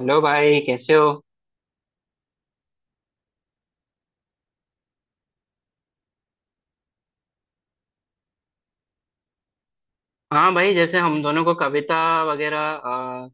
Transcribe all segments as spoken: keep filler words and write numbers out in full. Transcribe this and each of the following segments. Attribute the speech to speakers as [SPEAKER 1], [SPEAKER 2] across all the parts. [SPEAKER 1] Hello भाई कैसे हो। हाँ भाई जैसे हम दोनों को कविता वगैरह अ,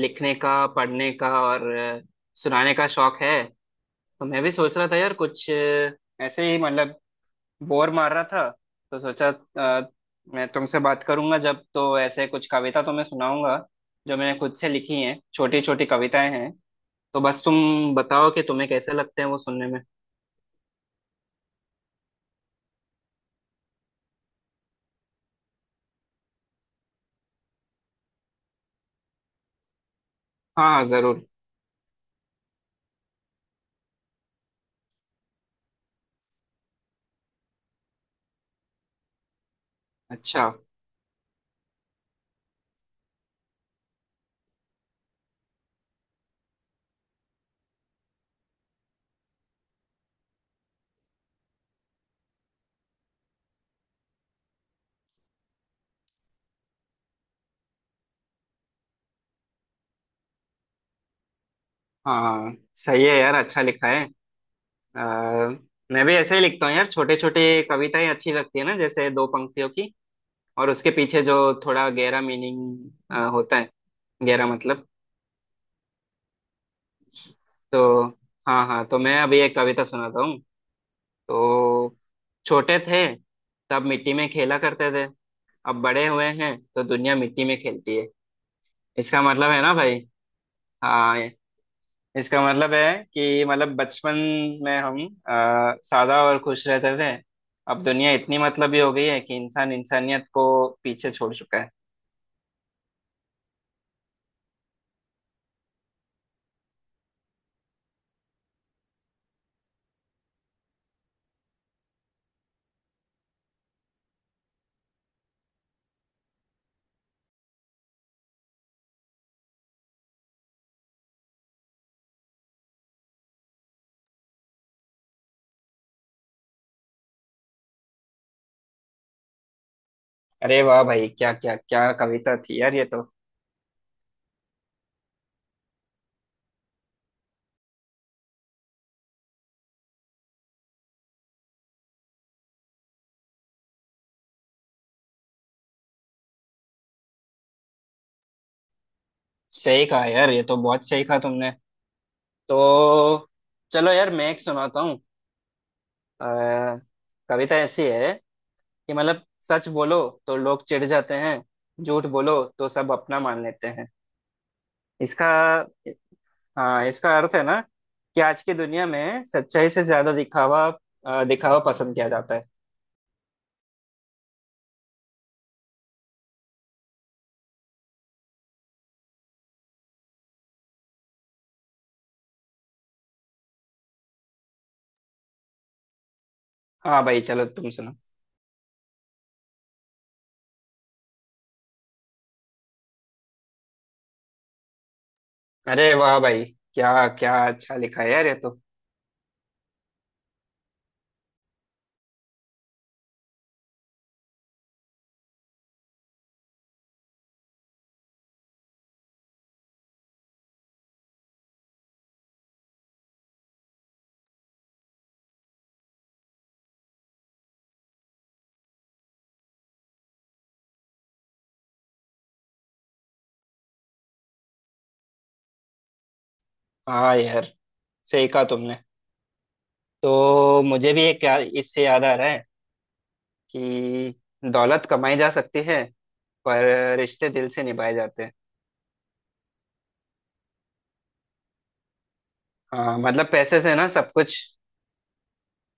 [SPEAKER 1] लिखने का पढ़ने का और अ, सुनाने का शौक है। तो मैं भी सोच रहा था यार कुछ अ, ऐसे ही मतलब बोर मार रहा था। तो सोचा अ, मैं तुमसे बात करूंगा जब तो ऐसे कुछ कविता तुम्हें सुनाऊंगा। जो मैंने खुद से लिखी हैं छोटी छोटी कविताएं हैं। तो बस तुम बताओ कि तुम्हें कैसे लगते हैं वो सुनने में। हाँ हाँ जरूर। अच्छा। हाँ सही है यार अच्छा लिखा है। अ, मैं भी ऐसे ही लिखता हूँ यार छोटे छोटे कविताएं अच्छी लगती है ना जैसे दो पंक्तियों की। और उसके पीछे जो थोड़ा गहरा मीनिंग होता है। गहरा मतलब। तो हाँ हाँ तो मैं अभी एक कविता सुनाता हूँ। तो छोटे थे तब मिट्टी में खेला करते थे। अब बड़े हुए हैं तो दुनिया मिट्टी में खेलती है। इसका मतलब है ना भाई। हाँ इसका मतलब है कि मतलब बचपन में हम अ, सादा और खुश रहते थे। अब दुनिया इतनी मतलबी हो गई है कि इंसान इंसानियत को पीछे छोड़ चुका है। अरे वाह भाई क्या क्या क्या कविता थी यार ये तो। सही कहा यार ये तो बहुत सही कहा तुमने। तो चलो यार मैं एक सुनाता हूँ। अ, कविता ऐसी है कि मतलब सच बोलो तो लोग चिढ़ जाते हैं। झूठ बोलो तो सब अपना मान लेते हैं। इसका हाँ इसका अर्थ है ना कि आज की दुनिया में सच्चाई से ज्यादा दिखावा अ, दिखावा पसंद किया जाता है। हाँ भाई चलो तुम सुनो। अरे वाह भाई क्या क्या अच्छा लिखा है यार ये तो। हाँ यार सही कहा तुमने। तो मुझे भी एक याद- इससे याद आ रहा है कि दौलत कमाई जा सकती है पर रिश्ते दिल से निभाए जाते हैं। हाँ मतलब पैसे से ना सब कुछ।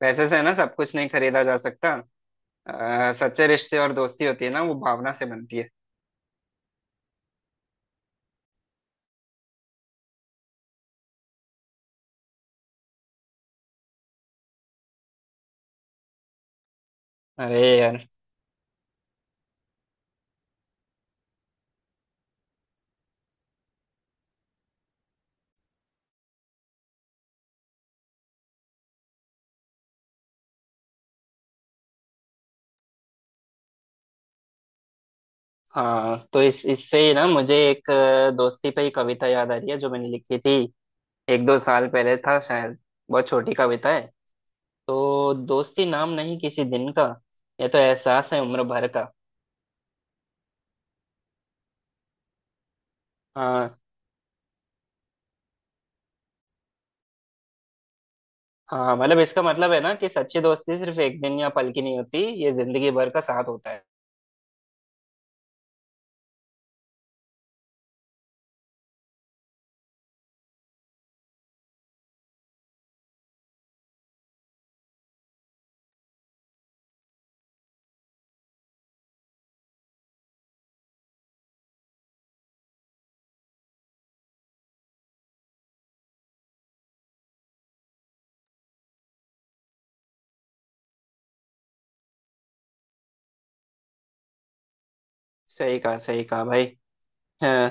[SPEAKER 1] पैसे से ना सब कुछ नहीं खरीदा जा सकता। अ, सच्चे रिश्ते और दोस्ती होती है ना वो भावना से बनती है। अरे यार। हाँ तो इस इससे ही ना मुझे एक अ, दोस्ती पे ही कविता याद आ रही है जो मैंने लिखी थी एक दो साल पहले था शायद। बहुत छोटी कविता है। तो दोस्ती नाम नहीं किसी दिन का। ये तो एहसास है उम्र भर का। हाँ हाँ मतलब इसका मतलब है ना कि सच्ची दोस्ती सिर्फ एक दिन या पल की नहीं होती। ये जिंदगी भर का साथ होता है। सही कहा सही कहा भाई। हाँ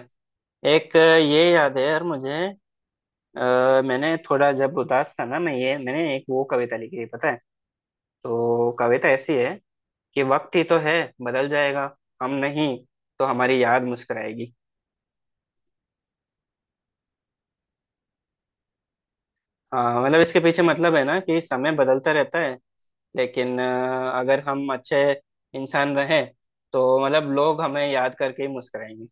[SPEAKER 1] एक अ, ये याद है यार मुझे आ, मैंने थोड़ा जब उदास था ना मैं ये मैंने एक वो कविता लिखी थी पता है। तो कविता ऐसी है कि वक्त ही तो है बदल जाएगा हम नहीं। तो हमारी याद मुस्कुराएगी। हाँ मतलब इसके पीछे मतलब है ना कि समय बदलता रहता है लेकिन अ, अगर हम अच्छे इंसान रहें तो मतलब लोग हमें याद करके ही मुस्कुराएंगे।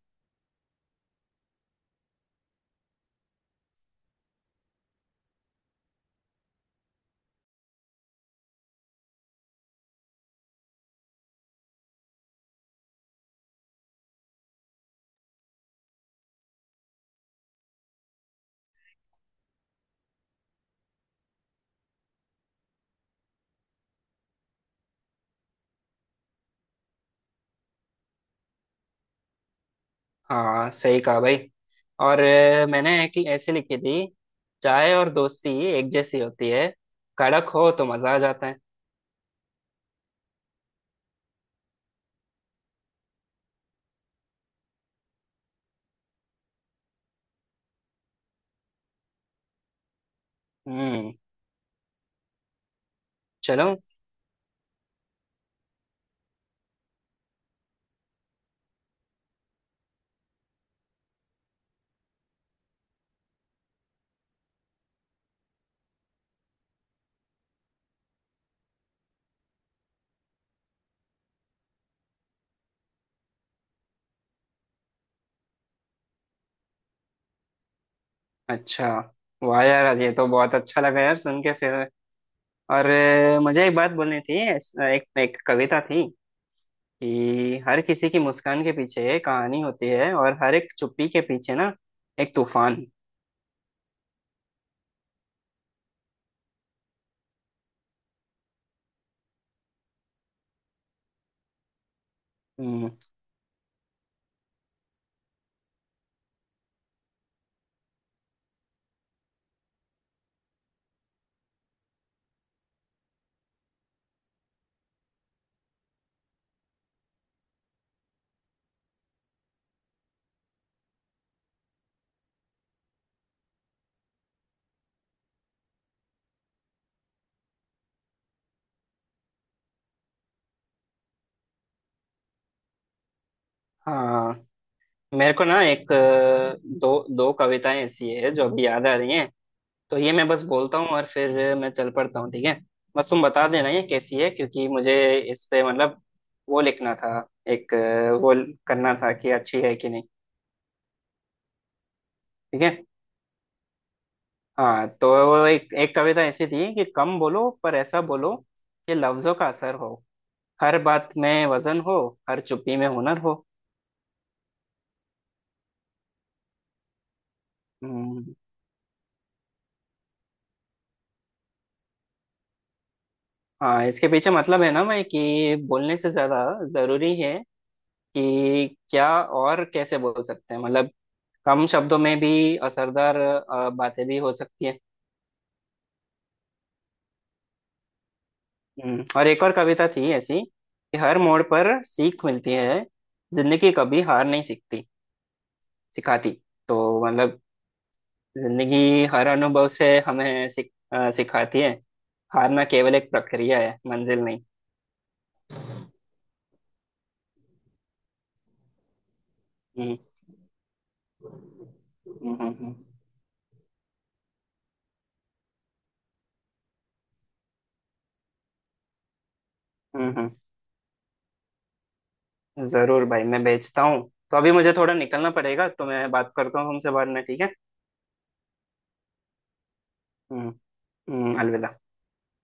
[SPEAKER 1] हाँ सही कहा भाई। और अ, मैंने एक ऐसे लिखी थी। चाय और दोस्ती एक जैसी होती है। कड़क हो तो मजा आ जाता है। हम्म। चलो अच्छा वाह यार ये तो बहुत अच्छा लगा यार सुन के फिर। और अ, मुझे एक बात बोलनी थी इस- एक एक कविता थी कि हर किसी की मुस्कान के पीछे एक कहानी होती है और हर एक चुप्पी के पीछे ना एक तूफान। हम्म, हाँ मेरे को ना एक अ, दो दो कविताएं ऐसी है जो अभी याद आ रही हैं। तो ये मैं बस बोलता हूँ और फिर मैं चल पड़ता हूँ ठीक है। बस तुम बता देना ये कैसी है क्योंकि मुझे इस पे मतलब वो लिखना था एक अ, वो करना था कि अच्छी है कि नहीं। ठीक है। हाँ तो वो एक एक कविता ऐसी थी कि कम बोलो पर ऐसा बोलो कि लफ्जों का असर हो। हर बात में वजन हो। हर चुप्पी में हुनर हो। हम्म, हाँ इसके पीछे मतलब है ना मैं कि बोलने से ज्यादा जरूरी है कि क्या और कैसे बोल सकते हैं मतलब कम शब्दों में भी असरदार अ, बातें भी हो सकती है। हम्म, और एक और कविता थी ऐसी कि हर मोड़ पर सीख मिलती है। जिंदगी कभी हार नहीं सीखती सिखाती। तो मतलब जिंदगी हर अनुभव से हमें सिख, अ, सिखाती है। हारना केवल एक प्रक्रिया है मंजिल नहीं। हम्म। हम्म। हम्म। हम्म, हम्म। जरूर भाई मैं भेजता हूँ। तो अभी मुझे थोड़ा निकलना पड़ेगा तो मैं बात करता हूँ तुमसे बाद में ठीक है। हम्म। हम्म, अलविदा।